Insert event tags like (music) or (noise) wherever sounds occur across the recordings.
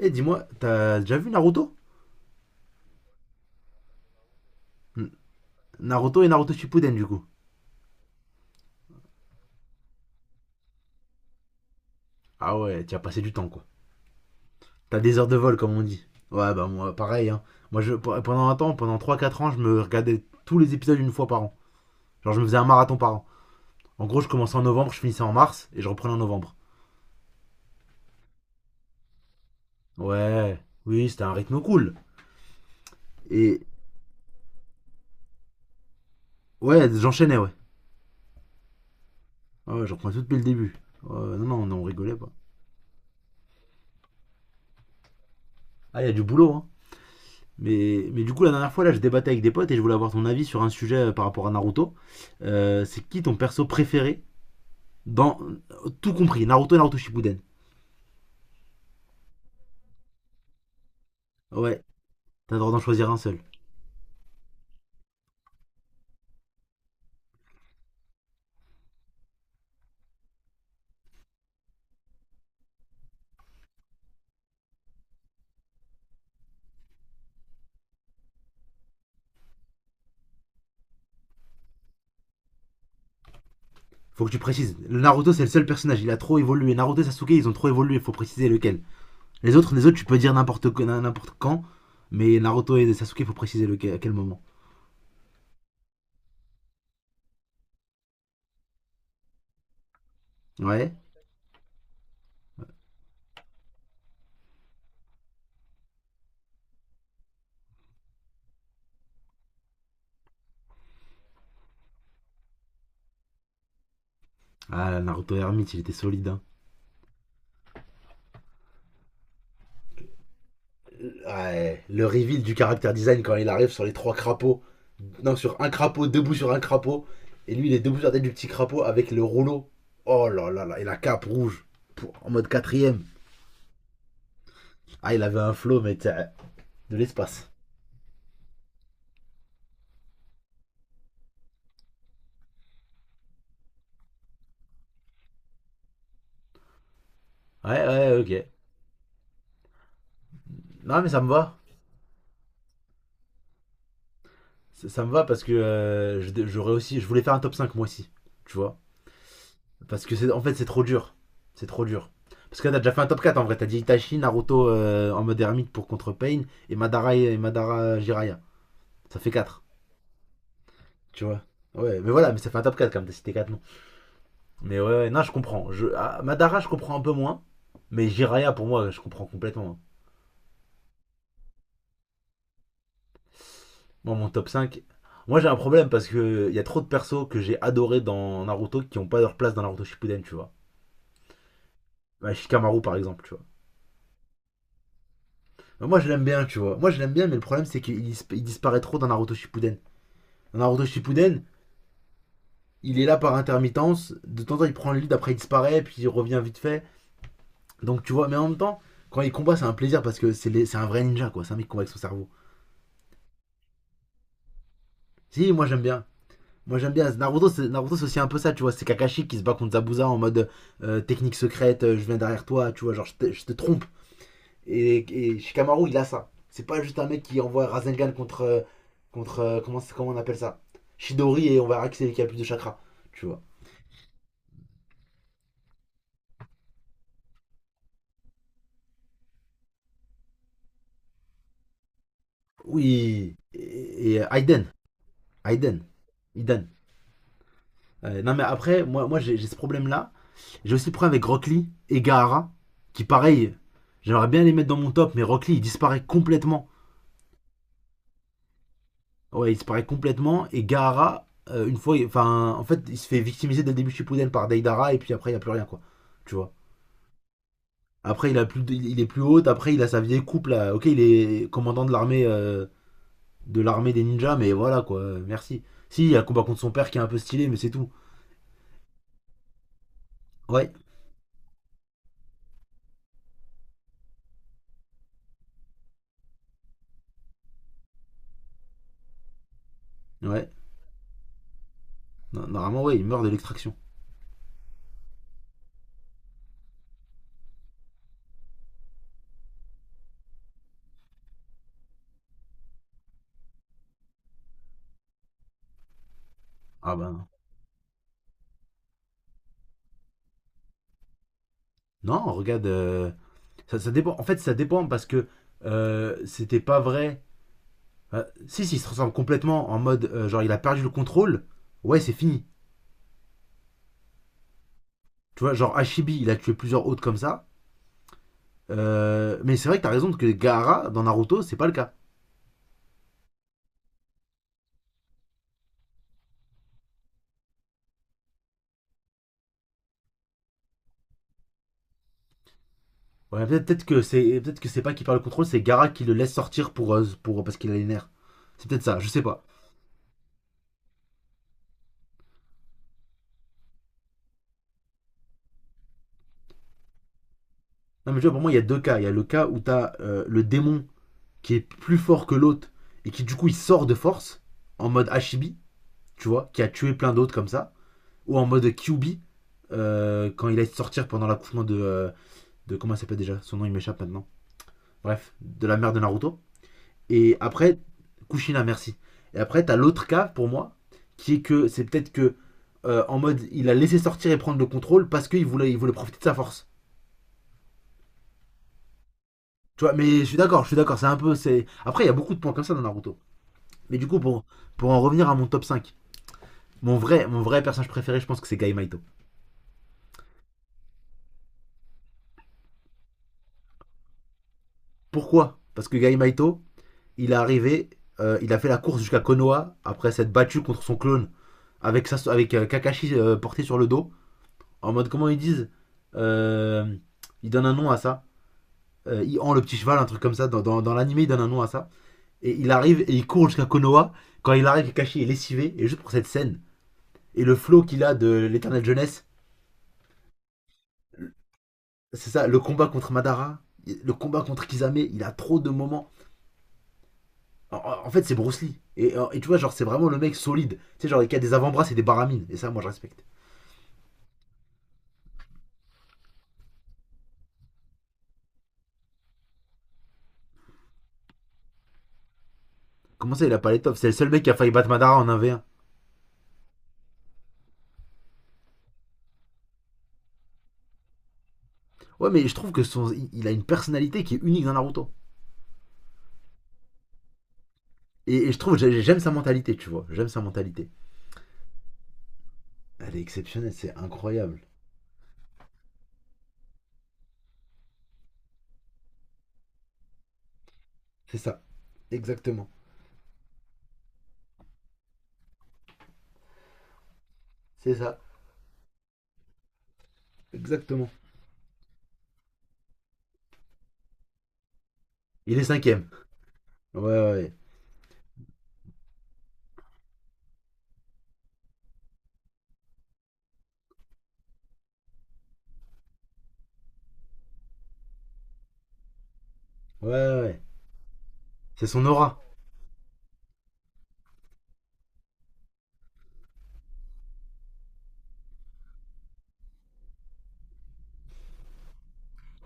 Eh, dis-moi, t'as déjà vu Naruto? N- Naruto et Naruto Shippuden, du coup. Ah ouais, tu as passé du temps, quoi. T'as des heures de vol, comme on dit. Ouais, bah moi, pareil, hein. Moi, je, pendant un temps, pendant trois quatre ans, je me regardais tous les épisodes une fois par an. Genre, je me faisais un marathon par an. En gros, je commençais en novembre, je finissais en mars, et je reprenais en novembre. Ouais, oui, c'était un rythme cool. Et ouais, j'enchaînais, ouais. Ouais, ouais, je reprenais tout depuis le début. Ouais, non, non, non, on rigolait pas. Ah, il y a du boulot, hein. Mais du coup, la dernière fois, là, je débattais avec des potes et je voulais avoir ton avis sur un sujet par rapport à Naruto. C'est qui ton perso préféré dans tout compris, Naruto et Naruto Shippuden? Ouais, t'as le droit d'en choisir un seul. Faut que tu précises. Naruto, c'est le seul personnage, il a trop évolué. Naruto et Sasuke, ils ont trop évolué, faut préciser lequel. Les autres tu peux dire n'importe quand, mais Naruto et Sasuke, faut préciser lequel, à quel moment. Ouais. Ah, Naruto Hermite, il était solide. Hein. Ouais, le reveal du caractère design quand il arrive sur les trois crapauds. Non, sur un crapaud, debout sur un crapaud. Et lui, il est debout sur la tête du petit crapaud avec le rouleau. Oh là là là, et la cape rouge. En mode quatrième. Ah, il avait un flow, mais de l'espace. Ouais, ouais, ok. Non, mais ça me va. Ça me va parce que j'aurais aussi. Je voulais faire un top 5 moi aussi. Tu vois? Parce que c'est en fait, c'est trop dur. C'est trop dur. Parce que là, t'as déjà fait un top 4 en vrai. T'as dit Itachi, Naruto en mode ermite pour contre Pain et Madara, Jiraiya. Ça fait 4, tu vois. Ouais, mais voilà, mais ça fait un top 4 quand même, t'as cité 4 noms. Mais ouais, ouais, non, je comprends. Ah, Madara, je comprends un peu moins. Mais Jiraya, pour moi, je comprends complètement. Moi, mon top 5. Moi, j'ai un problème parce qu'il y a trop de persos que j'ai adoré dans Naruto qui n'ont pas leur place dans Naruto Shippuden, tu vois. Bah, Shikamaru, par exemple, tu vois. Bah, moi, je l'aime bien, tu vois. Moi, je l'aime bien, mais le problème, c'est qu'il il disparaît trop dans Naruto Shippuden. Dans Naruto Shippuden, il est là par intermittence. De temps en temps, il prend le lead, après, il disparaît, puis il revient vite fait. Donc tu vois, mais en même temps, quand il combat, c'est un plaisir parce que c'est un vrai ninja, quoi. C'est un mec qui combat avec son cerveau. Si, moi j'aime bien. Moi j'aime bien. Naruto, c'est aussi un peu ça, tu vois. C'est Kakashi qui se bat contre Zabuza en mode technique secrète, je viens derrière toi, tu vois, genre je te trompe. Et, et Shikamaru, il a ça. C'est pas juste un mec qui envoie Rasengan contre, comment on appelle ça? Shidori, et on verra qui c'est qui a plus de chakra, tu vois. Oui. Et, Aiden. Aiden. Aiden. Non mais après, moi j'ai ce problème là. J'ai aussi pris avec Rock Lee et Gaara, qui pareil, j'aimerais bien les mettre dans mon top, mais Rock Lee il disparaît complètement. Ouais, il disparaît complètement. Et Gaara, une fois, enfin, en fait, il se fait victimiser dès le début Shippuden par Deidara, et puis après, il n'y a plus rien, quoi. Tu vois. Après, il est plus haut, après, il a sa vieille coupe, là. Ok, il est commandant de l'armée de l'armée des ninjas, mais voilà, quoi. Merci. Si, il y a un combat contre son père qui est un peu stylé, mais c'est tout. Ouais, ouais. Normalement, ouais, il meurt de l'extraction. Ah ben non. Non, regarde. Ça, ça dépend. En fait, ça dépend parce que c'était pas vrai. Si, si, il se ressemble complètement en mode genre il a perdu le contrôle. Ouais, c'est fini. Tu vois, genre Hashibi, il a tué plusieurs autres comme ça. Mais c'est vrai que t'as raison que Gaara dans Naruto, c'est pas le cas. Ouais, peut-être que c'est peut-être que c'est pas qu'il perd le contrôle, c'est Gaara qui le laisse sortir pour parce qu'il a les nerfs. C'est peut-être ça, je sais pas. Non mais tu vois, pour moi, il y a deux cas. Il y a le cas où t'as le démon qui est plus fort que l'autre et qui du coup il sort de force en mode Hashibi, tu vois, qui a tué plein d'autres comme ça. Ou en mode QB quand il allait sortir pendant l'accouchement de. Comment elle s'appelle déjà? Son nom il m'échappe maintenant. Bref, de la mère de Naruto. Et après, Kushina, merci. Et après, t'as l'autre cas pour moi, qui est que c'est peut-être que en mode il a laissé sortir et prendre le contrôle parce qu'il voulait, il voulait profiter de sa force. Tu vois, mais je suis d'accord, c'est un peu. C'est Après, il y a beaucoup de points comme ça dans Naruto. Mais du coup, pour en revenir à mon top cinq. Mon vrai, mon vrai personnage préféré, je pense que c'est Gaïmaito. Pourquoi? Parce que Gaïmaito il est arrivé, il a fait la course jusqu'à Konoha après s'être battu contre son clone avec Kakashi porté sur le dos. En mode, comment ils disent? Euh, Il donne un nom à ça. Il en le petit cheval, un truc comme ça. Dans l'anime, il donne un nom à ça. Et il arrive et il court jusqu'à Konoha. Quand il arrive, Kakashi est lessivé. Et juste pour cette scène, et le flow qu'il a de l'éternelle jeunesse, c'est ça, le combat contre Madara, le combat contre Kisame, il a trop de moments. En fait, c'est Bruce Lee. Et tu vois, genre, c'est vraiment le mec solide. Tu sais, genre, il a des avant-bras c'est des baramines. Et ça, moi, je respecte. Comment ça, il a pas l'étoffe? C'est le seul mec qui a failli battre Madara en un v 1. Ouais, mais je trouve que il a une personnalité qui est unique dans Naruto. Et je trouve, j'aime sa mentalité, tu vois. J'aime sa mentalité. Elle est exceptionnelle, c'est incroyable. C'est ça. Exactement. C'est ça. Exactement. Il est cinquième. Ouais, ouais, ouais. Ouais, ouais. Ouais. C'est son aura.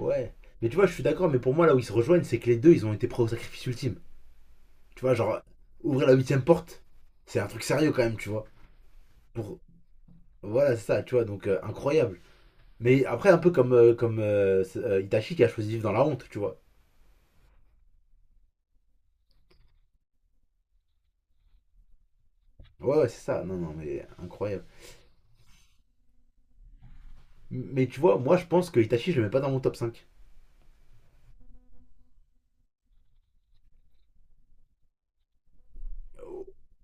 Ouais. Mais tu vois, je suis d'accord, mais pour moi, là où ils se rejoignent, c'est que les deux, ils ont été prêts au sacrifice ultime. Tu vois, genre, ouvrir la huitième porte, c'est un truc sérieux quand même, tu vois. Pour... Voilà, c'est ça, tu vois, donc incroyable. Mais après, un peu comme Itachi qui a choisi de vivre dans la honte, tu vois. Ouais, ouais, c'est ça, non, non, mais incroyable. Mais tu vois, moi je pense que Itachi, je le mets pas dans mon top cinq.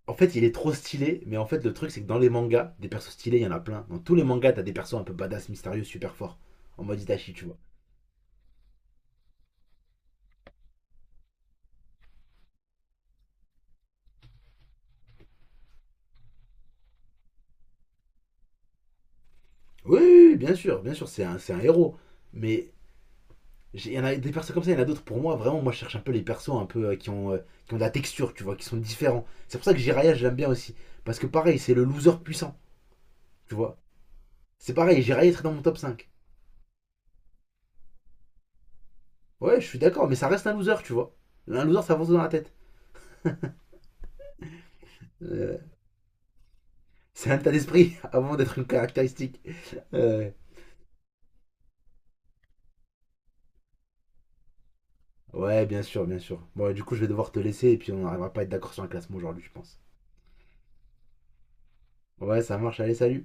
En fait, il est trop stylé, mais en fait, le truc, c'est que dans les mangas, des persos stylés, il y en a plein. Dans tous les mangas, t'as des persos un peu badass, mystérieux, super forts, en mode Itachi, tu vois. Oui, oui, oui, bien sûr, c'est un héros. Mais il y en a des persos comme ça, il y en a d'autres. Pour moi, vraiment, moi je cherche un peu les persos un peu qui ont de la texture, tu vois, qui sont différents. C'est pour ça que Jiraya, je l'aime bien aussi. Parce que pareil, c'est le loser puissant, tu vois. C'est pareil, Jiraya serait dans mon top cinq. Ouais, je suis d'accord, mais ça reste un loser, tu vois. Un loser, ça avance dans la tête. Euh, c'est un état d'esprit (laughs) avant d'être une caractéristique. Euh, ouais, bien sûr, bien sûr. Bon, du coup, je vais devoir te laisser et puis on n'arrivera pas à être d'accord sur un classement aujourd'hui, je pense. Ouais, ça marche, allez, salut.